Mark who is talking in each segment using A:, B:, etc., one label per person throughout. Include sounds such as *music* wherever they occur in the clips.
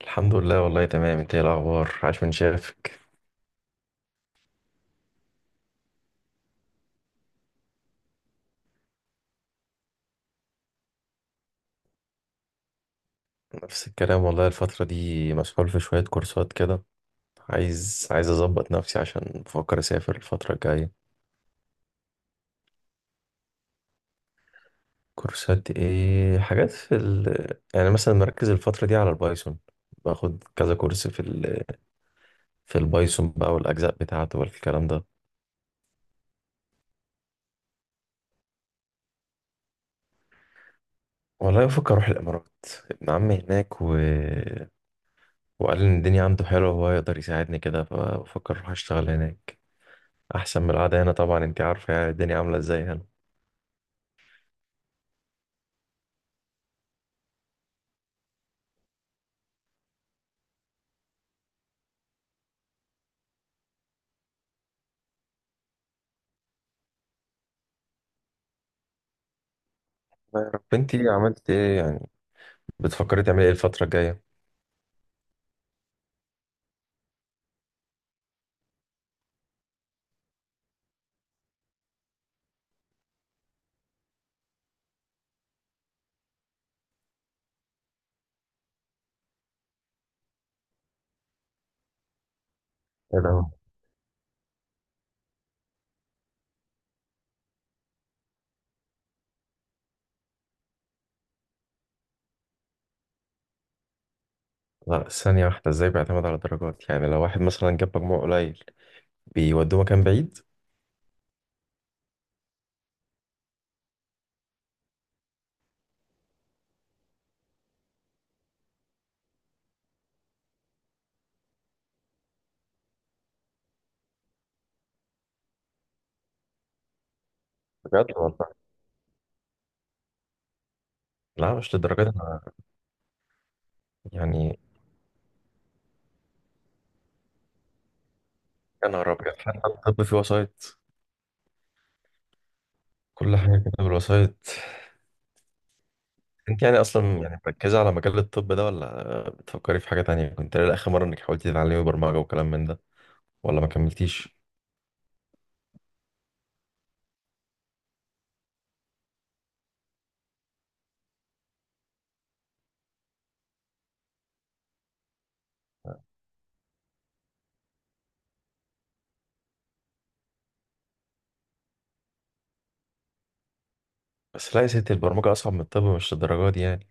A: الحمد لله، والله تمام. انت ايه الاخبار؟ عاش من شافك. نفس الكلام والله، الفترة دي مسحول في شوية كورسات كده. عايز اظبط نفسي، عشان بفكر اسافر الفترة الجاية. كورسات ايه؟ حاجات يعني مثلا مركز الفترة دي على البايثون، باخد كذا كورس في البايثون بقى، والاجزاء بتاعته والكلام ده. والله بفكر اروح الامارات. ابن عمي هناك، وقال ان الدنيا عنده حلوة وهو يقدر يساعدني كده، فبفكر اروح اشتغل هناك، احسن من القعده هنا. طبعا انت عارفه يعني الدنيا عامله ازاي هنا. الله يا رب. انت عملت ايه يعني؟ بتفكري تعملي ايه الفتره الجايه؟ ايه ده؟ لا، ثانيه واحده، ازاي بيعتمد على الدرجات؟ يعني لو واحد مثلا جاب مجموع قليل بيودوه مكان بعيد؟ بجد والله؟ لا، مش للدرجات انا يعني. يا نهار ابيض، حتى الطب فيه وسايط؟ كل حاجه كده بالوسايط. انت يعني اصلا يعني مركزه على مجال الطب ده، ولا بتفكري في حاجه تانية؟ كنت، لا اخر مره، انك حاولتي تتعلمي برمجه وكلام من ده، ولا ما كملتيش؟ بس لا يا ستي، البرمجه اصعب من الطب، مش للدرجات دي يعني.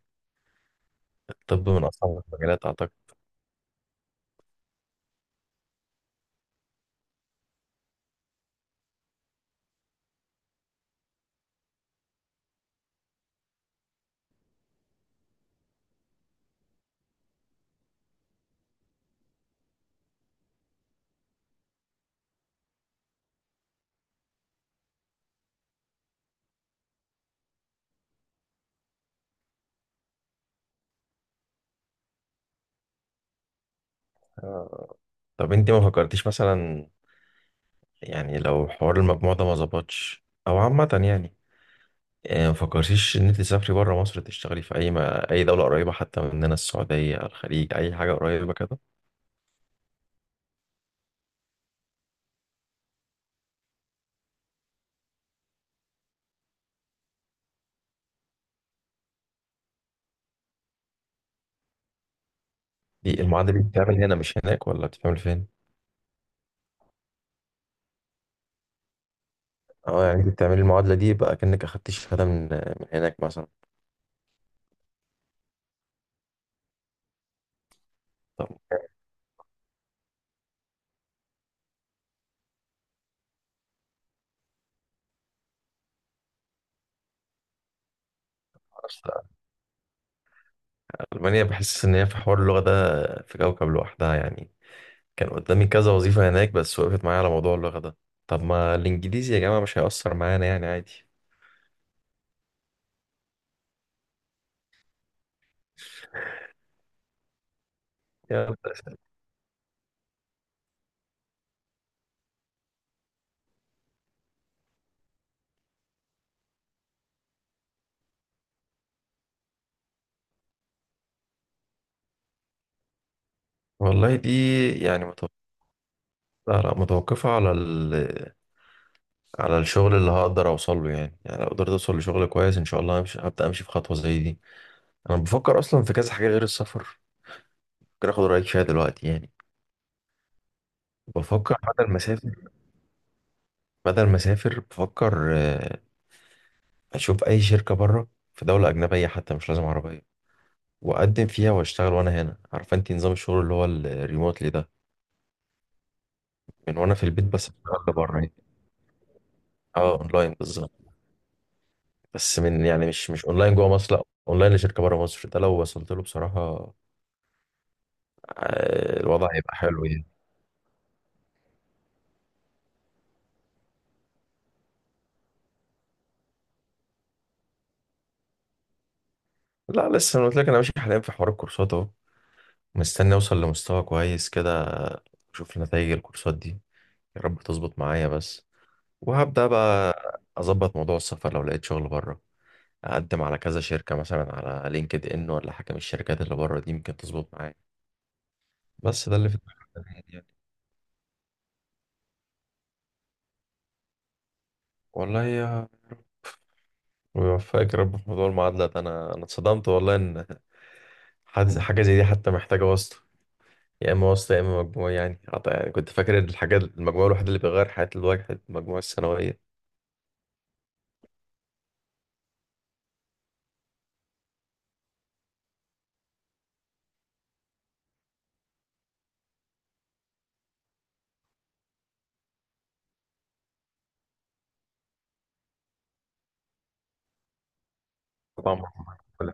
A: الطب من أصعب المجالات أعتقد. آه. طب أنت ما فكرتيش مثلا، يعني لو حوار المجموع ده ما ظبطش أو عامة يعني، ما فكرتيش إن أنت تسافري بره مصر، تشتغلي في أي ما... أي دولة قريبة حتى مننا، السعودية، الخليج، أي حاجة قريبة كده؟ دي المعادلة دي بتتعمل هنا مش هناك، ولا بتتعمل فين؟ أه، يعني أنت بتعملي المعادلة دي بقى كأنك أخدتي شهادة من هناك مثلا؟ طب، أصل ألمانيا بحس إن هي في حوار اللغة ده في كوكب لوحدها يعني. كان قدامي كذا وظيفة هناك، بس وقفت معايا على موضوع اللغة ده. طب ما الإنجليزي يا جماعة مش هيأثر معانا يعني، عادي. يلا. والله دي يعني متوقفة على الشغل اللي هقدر أوصل له يعني لو قدرت أوصل لشغل كويس إن شاء الله همشي، هبدأ أمشي في خطوة زي دي. أنا بفكر أصلا في كذا حاجة غير السفر، ممكن آخد رأيك فيها دلوقتي يعني. بفكر بدل ما أسافر بفكر أشوف أي شركة بره، في دولة أجنبية حتى مش لازم عربية، واقدم فيها واشتغل وانا هنا. عارفه انت نظام الشغل اللي هو الريموتلي ده، من وانا في البيت بس اشتغل بره يعني. اه، اونلاين بالظبط. بس من يعني، مش اونلاين جوه مصر، لا، اونلاين لشركه بره مصر. ده لو وصلت له بصراحه، الوضع هيبقى حلو يعني. لا، لسه. انا قلت لك انا ماشي حاليا في حوار الكورسات اهو، مستني اوصل لمستوى كويس كده، اشوف نتائج الكورسات دي، يا رب تظبط معايا بس، وهبدا بقى اظبط موضوع السفر لو لقيت شغل بره، اقدم على كذا شركه مثلا على لينكد ان ولا حاجه من الشركات اللي بره دي، ممكن تظبط معايا. بس ده اللي في دماغك تمام يعني. والله يا ويوفقك يا رب في موضوع المعادله ده. انا اتصدمت والله ان حاجة زي دي حتى محتاجه واسطه. يا اما واسطه يا اما مجموعه يعني، يعني كنت فاكر ان الحاجات المجموعه الوحيده اللي بيغير حياه الواحد المجموعه الثانويه. طبعا. كل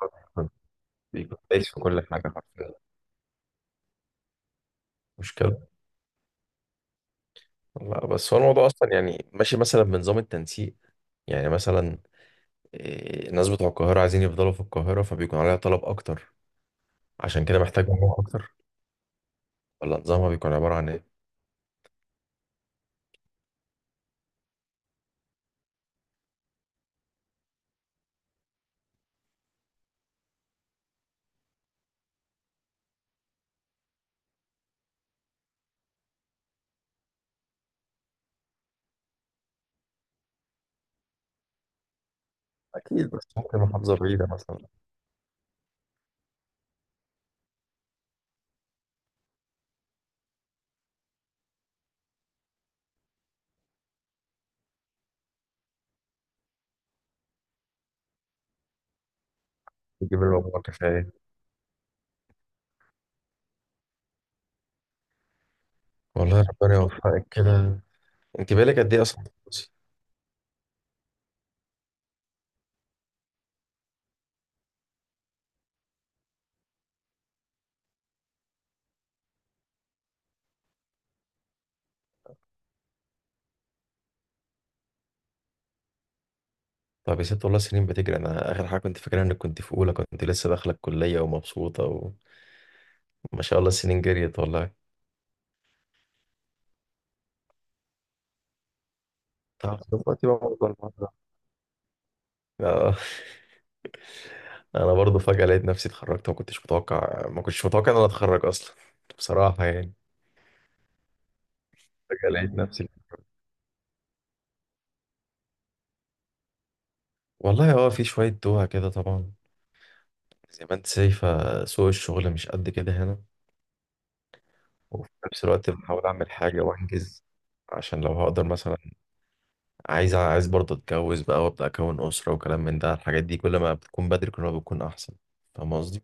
A: حاجة. كنت دايس في كل حاجه حرفيا. مشكله. لا، بس هو الموضوع اصلا يعني ماشي مثلا بنظام التنسيق. يعني مثلا، الناس بتوع القاهرة عايزين يفضلوا في القاهرة، فبيكون عليها طلب أكتر، عشان كده محتاج مجموع أكتر. ولا نظامها بيكون عبارة عن إيه؟ أكيد، بس ممكن محافظة بعيدة مثلا تجيب المجموع كفاية. والله ربنا يوفقك كده. أنت بقالك قد إيه أصلا بتدرسي؟ طب يا ست، والله سنين بتجري. أنا آخر حاجة كنت فاكرها إنك كنت في أولى، كنت لسه داخلة الكلية ومبسوطة، وما شاء الله السنين جريت والله. طب *laughs* دلوقتي بقى أفضل مرة. آه. أنا برضه فجأة لقيت نفسي اتخرجت. ما كنتش متوقع إن أنا أتخرج أصلا بصراحة يعني. فجأة لقيت نفسي. والله هو في شوية دوها كده طبعا، زي ما انت شايفة، سوق الشغل مش قد كده هنا. وفي نفس الوقت بحاول أعمل حاجة وأنجز، عشان لو هقدر مثلا، عايز برضه أتجوز بقى وأبدأ أكون أسرة وكلام من ده. الحاجات دي كل ما بتكون بدري كل ما بتكون أحسن. فاهم قصدي؟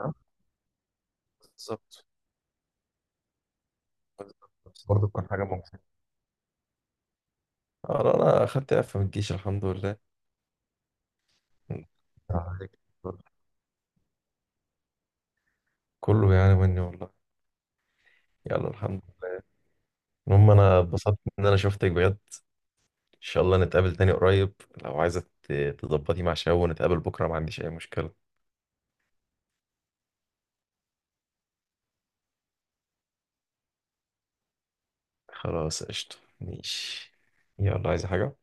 A: آه، بالظبط. بالظبط. بس برضه تكون حاجة ممكن. أنا أخدت إعفاء من الجيش الحمد لله. آه، كله يعني مني والله. يلا الحمد لله. المهم، أنا اتبسطت إن أنا شفتك بجد. شاء الله نتقابل تاني قريب. لو عايزة تظبطي مع شباب ونتقابل بكرة، ما عنديش أي مشكلة. خلاص، قشطة، ماشي. يلا، عايزة حاجة؟